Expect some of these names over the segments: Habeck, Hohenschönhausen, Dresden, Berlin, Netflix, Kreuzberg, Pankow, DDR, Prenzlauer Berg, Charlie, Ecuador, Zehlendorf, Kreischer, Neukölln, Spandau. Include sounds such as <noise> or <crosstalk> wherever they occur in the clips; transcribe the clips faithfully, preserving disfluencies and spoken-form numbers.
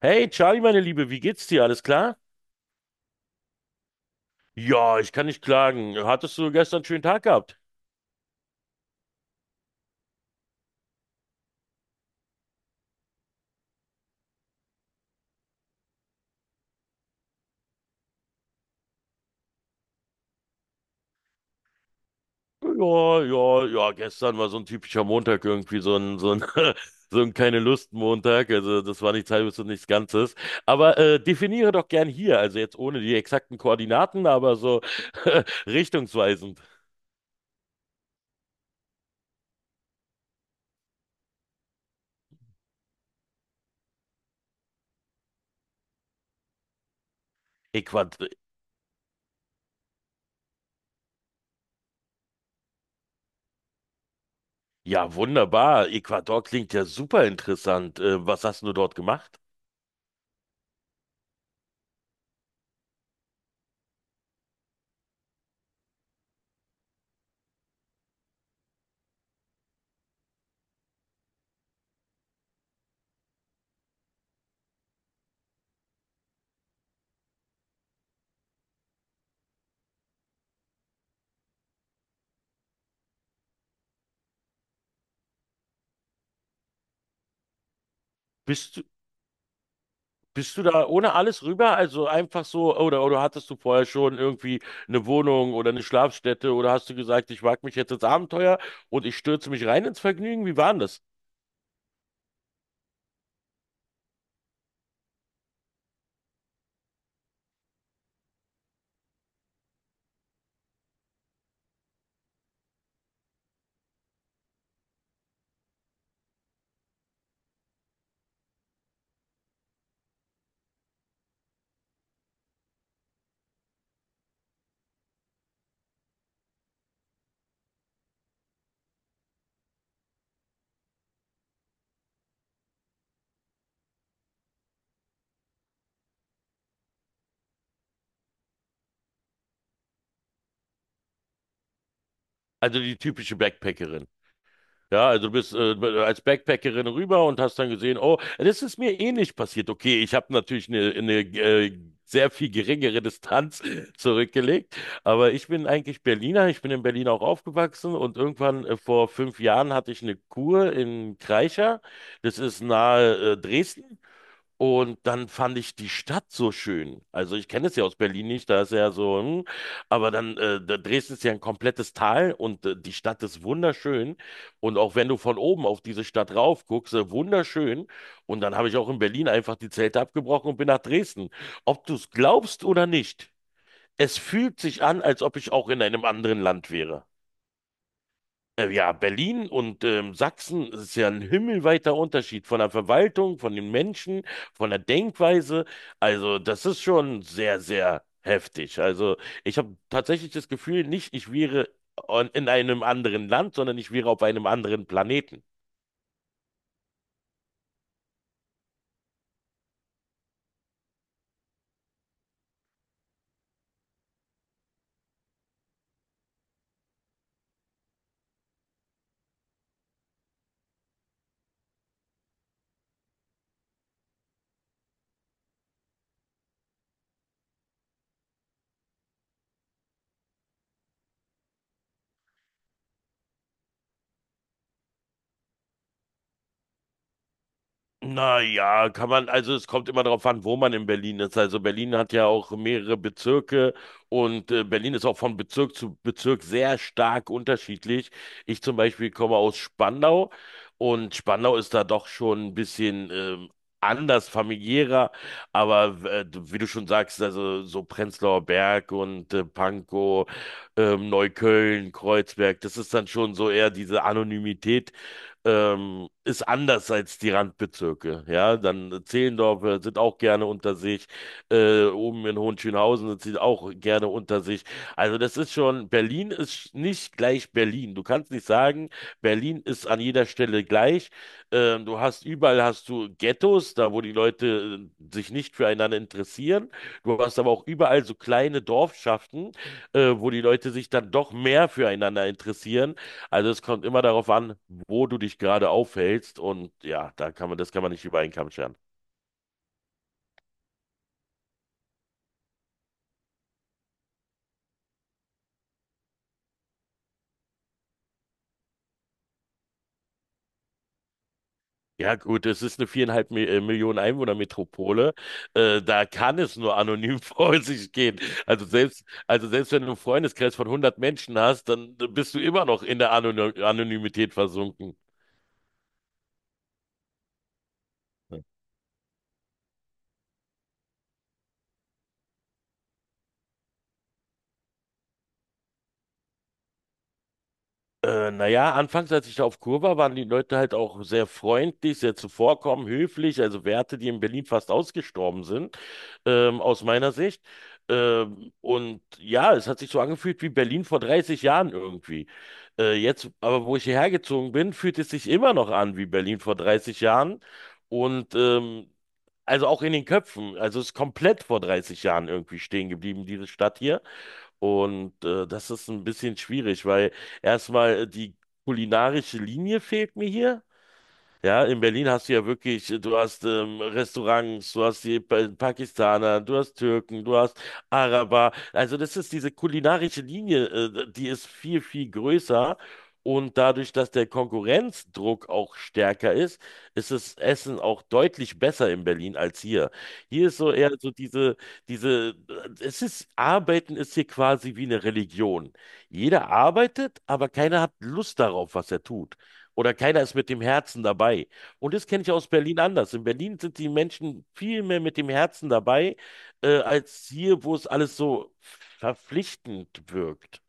Hey, Charlie, meine Liebe, wie geht's dir? Alles klar? Ja, ich kann nicht klagen. Hattest du gestern einen schönen Tag gehabt? Ja, ja, ja, gestern war so ein typischer Montag irgendwie, so ein, so ein, <laughs> so ein keine Lust-Montag. Also das war nichts Halbes und nichts Ganzes. Aber äh, definiere doch gern hier, also jetzt ohne die exakten Koordinaten, aber so <laughs> richtungsweisend. Äquat Ja, wunderbar. Ecuador klingt ja super interessant. Äh, was hast du dort gemacht? Bist du, Bist du da ohne alles rüber? Also einfach so, oder, oder hattest du vorher schon irgendwie eine Wohnung oder eine Schlafstätte oder hast du gesagt, ich wag mich jetzt ins Abenteuer und ich stürze mich rein ins Vergnügen? Wie war denn das? Also die typische Backpackerin. Ja, also du bist äh, als Backpackerin rüber und hast dann gesehen, oh, das ist mir ähnlich passiert. Okay, ich habe natürlich eine, eine äh, sehr viel geringere Distanz <laughs> zurückgelegt, aber ich bin eigentlich Berliner, ich bin in Berlin auch aufgewachsen und irgendwann äh, vor fünf Jahren hatte ich eine Kur in Kreischer, das ist nahe äh, Dresden. Und dann fand ich die Stadt so schön. Also ich kenne es ja aus Berlin nicht, da ist ja so, hm, aber dann, äh, da- Dresden ist ja ein komplettes Tal und äh, die Stadt ist wunderschön. Und auch wenn du von oben auf diese Stadt rauf guckst, äh, wunderschön. Und dann habe ich auch in Berlin einfach die Zelte abgebrochen und bin nach Dresden. Ob du es glaubst oder nicht, es fühlt sich an, als ob ich auch in einem anderen Land wäre. Äh, Ja, Berlin und ähm, Sachsen, es ist ja ein himmelweiter Unterschied von der Verwaltung, von den Menschen, von der Denkweise. Also, das ist schon sehr, sehr heftig. Also, ich habe tatsächlich das Gefühl, nicht ich wäre on- in einem anderen Land, sondern ich wäre auf einem anderen Planeten. Naja, kann man, also es kommt immer darauf an, wo man in Berlin ist. Also Berlin hat ja auch mehrere Bezirke und äh, Berlin ist auch von Bezirk zu Bezirk sehr stark unterschiedlich. Ich zum Beispiel komme aus Spandau und Spandau ist da doch schon ein bisschen ähm, anders, familiärer, aber äh, wie du schon sagst, also so Prenzlauer Berg und äh, Pankow, ähm, Neukölln, Kreuzberg, das ist dann schon so eher diese Anonymität, ähm, ist anders als die Randbezirke. Ja, dann äh, Zehlendorf äh, sind auch gerne unter sich. Äh, oben in Hohenschönhausen sind sie auch gerne unter sich. Also das ist schon, Berlin ist nicht gleich Berlin. Du kannst nicht sagen, Berlin ist an jeder Stelle gleich. Ähm, du hast überall hast du Ghettos, da wo die Leute äh, sich nicht füreinander interessieren. Du hast aber auch überall so kleine Dorfschaften, äh, wo die Leute sich dann doch mehr füreinander interessieren, also es kommt immer darauf an, wo du dich gerade aufhältst und ja, da kann man, das kann man nicht über einen Kamm scheren. Ja gut, es ist eine viereinhalb Mi- äh, Millionen Einwohner-Metropole. Äh, da kann es nur anonym <laughs> vor sich gehen. Also selbst, also selbst wenn du einen Freundeskreis von hundert Menschen hast, dann bist du immer noch in der Anony Anonymität versunken. Äh, naja, anfangs, als ich da auf Kur war, waren die Leute halt auch sehr freundlich, sehr zuvorkommend, höflich, also Werte, die in Berlin fast ausgestorben sind, ähm, aus meiner Sicht. Ähm, und ja, es hat sich so angefühlt wie Berlin vor dreißig Jahren irgendwie. Äh, jetzt, aber wo ich hierher gezogen bin, fühlt es sich immer noch an wie Berlin vor dreißig Jahren. Und ähm, also auch in den Köpfen. Also es ist komplett vor dreißig Jahren irgendwie stehen geblieben, diese Stadt hier. Und äh, das ist ein bisschen schwierig, weil erstmal äh, die kulinarische Linie fehlt mir hier. Ja, in Berlin hast du ja wirklich, du hast ähm, Restaurants, du hast die Pa- Pakistaner, du hast Türken, du hast Araber. Also das ist diese kulinarische Linie, äh, die ist viel, viel größer. Und dadurch, dass der Konkurrenzdruck auch stärker ist, ist das Essen auch deutlich besser in Berlin als hier. Hier ist so eher so diese, diese, es ist, Arbeiten ist hier quasi wie eine Religion. Jeder arbeitet, aber keiner hat Lust darauf, was er tut. Oder keiner ist mit dem Herzen dabei. Und das kenne ich aus Berlin anders. In Berlin sind die Menschen viel mehr mit dem Herzen dabei, äh, als hier, wo es alles so verpflichtend wirkt.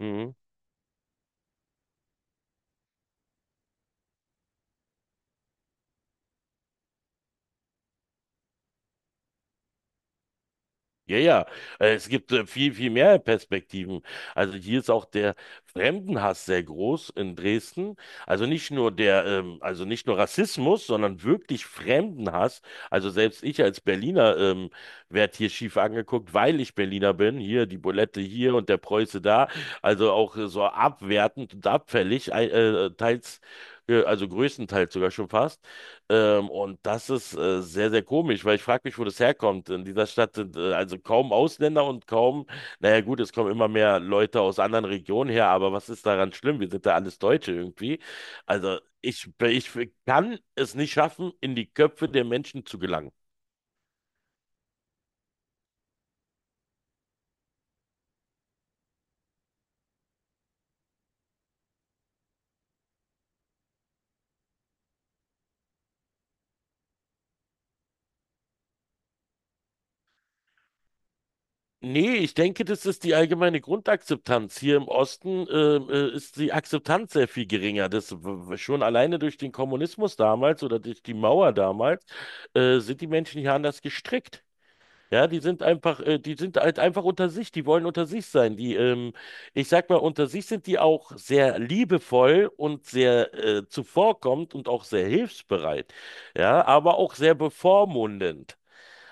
Mhm. Ja, ja, äh, es gibt äh, viel, viel mehr Perspektiven. Also hier ist auch der Fremdenhass sehr groß in Dresden. Also nicht nur der, ähm, also nicht nur Rassismus, sondern wirklich Fremdenhass. Also selbst ich als Berliner ähm, werde hier schief angeguckt, weil ich Berliner bin. Hier die Bulette hier und der Preuße da. Also auch äh, so abwertend und abfällig, ei- äh, teils, äh, also größtenteils sogar schon fast. Ähm, und das ist äh, sehr, sehr komisch, weil ich frage mich, wo das herkommt. In dieser Stadt sind äh, also kaum Ausländer und kaum, naja gut, es kommen immer mehr Leute aus anderen Regionen her, aber was ist daran schlimm? Wir sind ja alles Deutsche irgendwie. Also ich, ich kann es nicht schaffen, in die Köpfe der Menschen zu gelangen. Nee, ich denke, das ist die allgemeine Grundakzeptanz. Hier im Osten äh, äh, ist die Akzeptanz sehr viel geringer. Das w- w- schon alleine durch den Kommunismus damals oder durch die Mauer damals äh, sind die Menschen hier anders gestrickt. Ja, die sind einfach, äh, die sind halt einfach unter sich. Die wollen unter sich sein. Die, ähm, ich sag mal, unter sich sind die auch sehr liebevoll und sehr äh, zuvorkommend und auch sehr hilfsbereit. Ja, aber auch sehr bevormundend.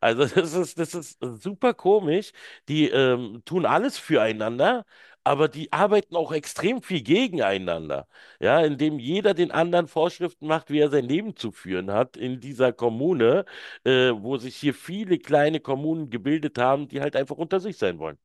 Also das ist, das ist super komisch. Die ähm, tun alles füreinander, aber die arbeiten auch extrem viel gegeneinander. Ja, indem jeder den anderen Vorschriften macht, wie er sein Leben zu führen hat in dieser Kommune, äh, wo sich hier viele kleine Kommunen gebildet haben, die halt einfach unter sich sein wollen.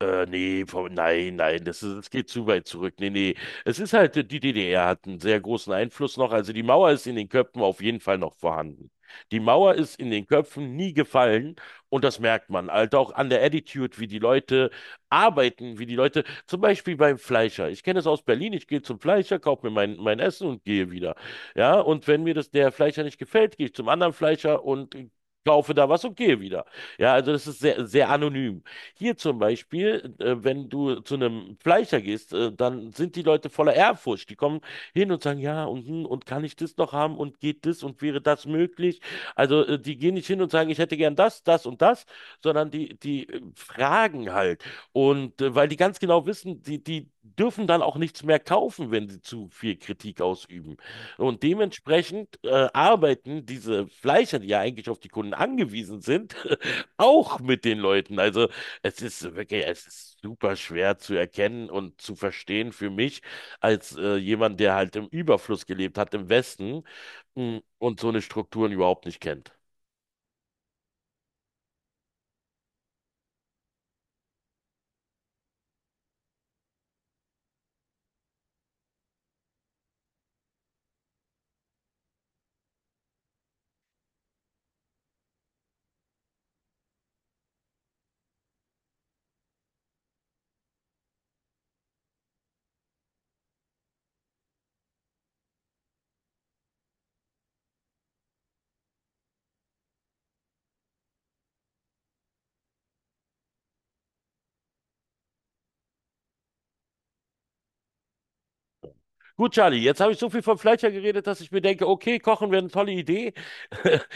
Äh, nee, vom- nein, nein, das ist, das geht zu weit zurück. Nee, nee. Es ist halt, die D D R hat einen sehr großen Einfluss noch. Also die Mauer ist in den Köpfen auf jeden Fall noch vorhanden. Die Mauer ist in den Köpfen nie gefallen und das merkt man. Halt auch an der Attitude, wie die Leute arbeiten, wie die Leute, zum Beispiel beim Fleischer. Ich kenne es aus Berlin, ich gehe zum Fleischer, kaufe mir mein, mein Essen und gehe wieder. Ja, und wenn mir das der Fleischer nicht gefällt, gehe ich zum anderen Fleischer und kaufe da was und gehe wieder. Ja, also das ist sehr, sehr anonym. Hier zum Beispiel, äh, wenn du zu einem Fleischer gehst, äh, dann sind die Leute voller Ehrfurcht. Die kommen hin und sagen, ja, und, hm, und kann ich das noch haben und geht das und wäre das möglich? Also äh, die gehen nicht hin und sagen, ich hätte gern das, das und das, sondern die, die äh, fragen halt. Und äh, weil die ganz genau wissen, die, die dürfen dann auch nichts mehr kaufen, wenn sie zu viel Kritik ausüben. Und dementsprechend äh, arbeiten diese Fleischer, die ja eigentlich auf die Kunden angewiesen sind, <laughs> auch mit den Leuten. Also es ist wirklich, es ist super schwer zu erkennen und zu verstehen für mich als äh, jemand, der halt im Überfluss gelebt hat im Westen, mh, und so eine Strukturen überhaupt nicht kennt. Gut, Charlie, jetzt habe ich so viel von Fleischer geredet, dass ich mir denke, okay, kochen wäre eine tolle Idee. <laughs>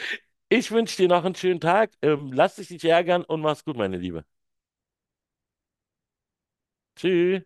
Ich wünsche dir noch einen schönen Tag. Ähm, lass dich nicht ärgern und mach's gut, meine Liebe. Tschüss.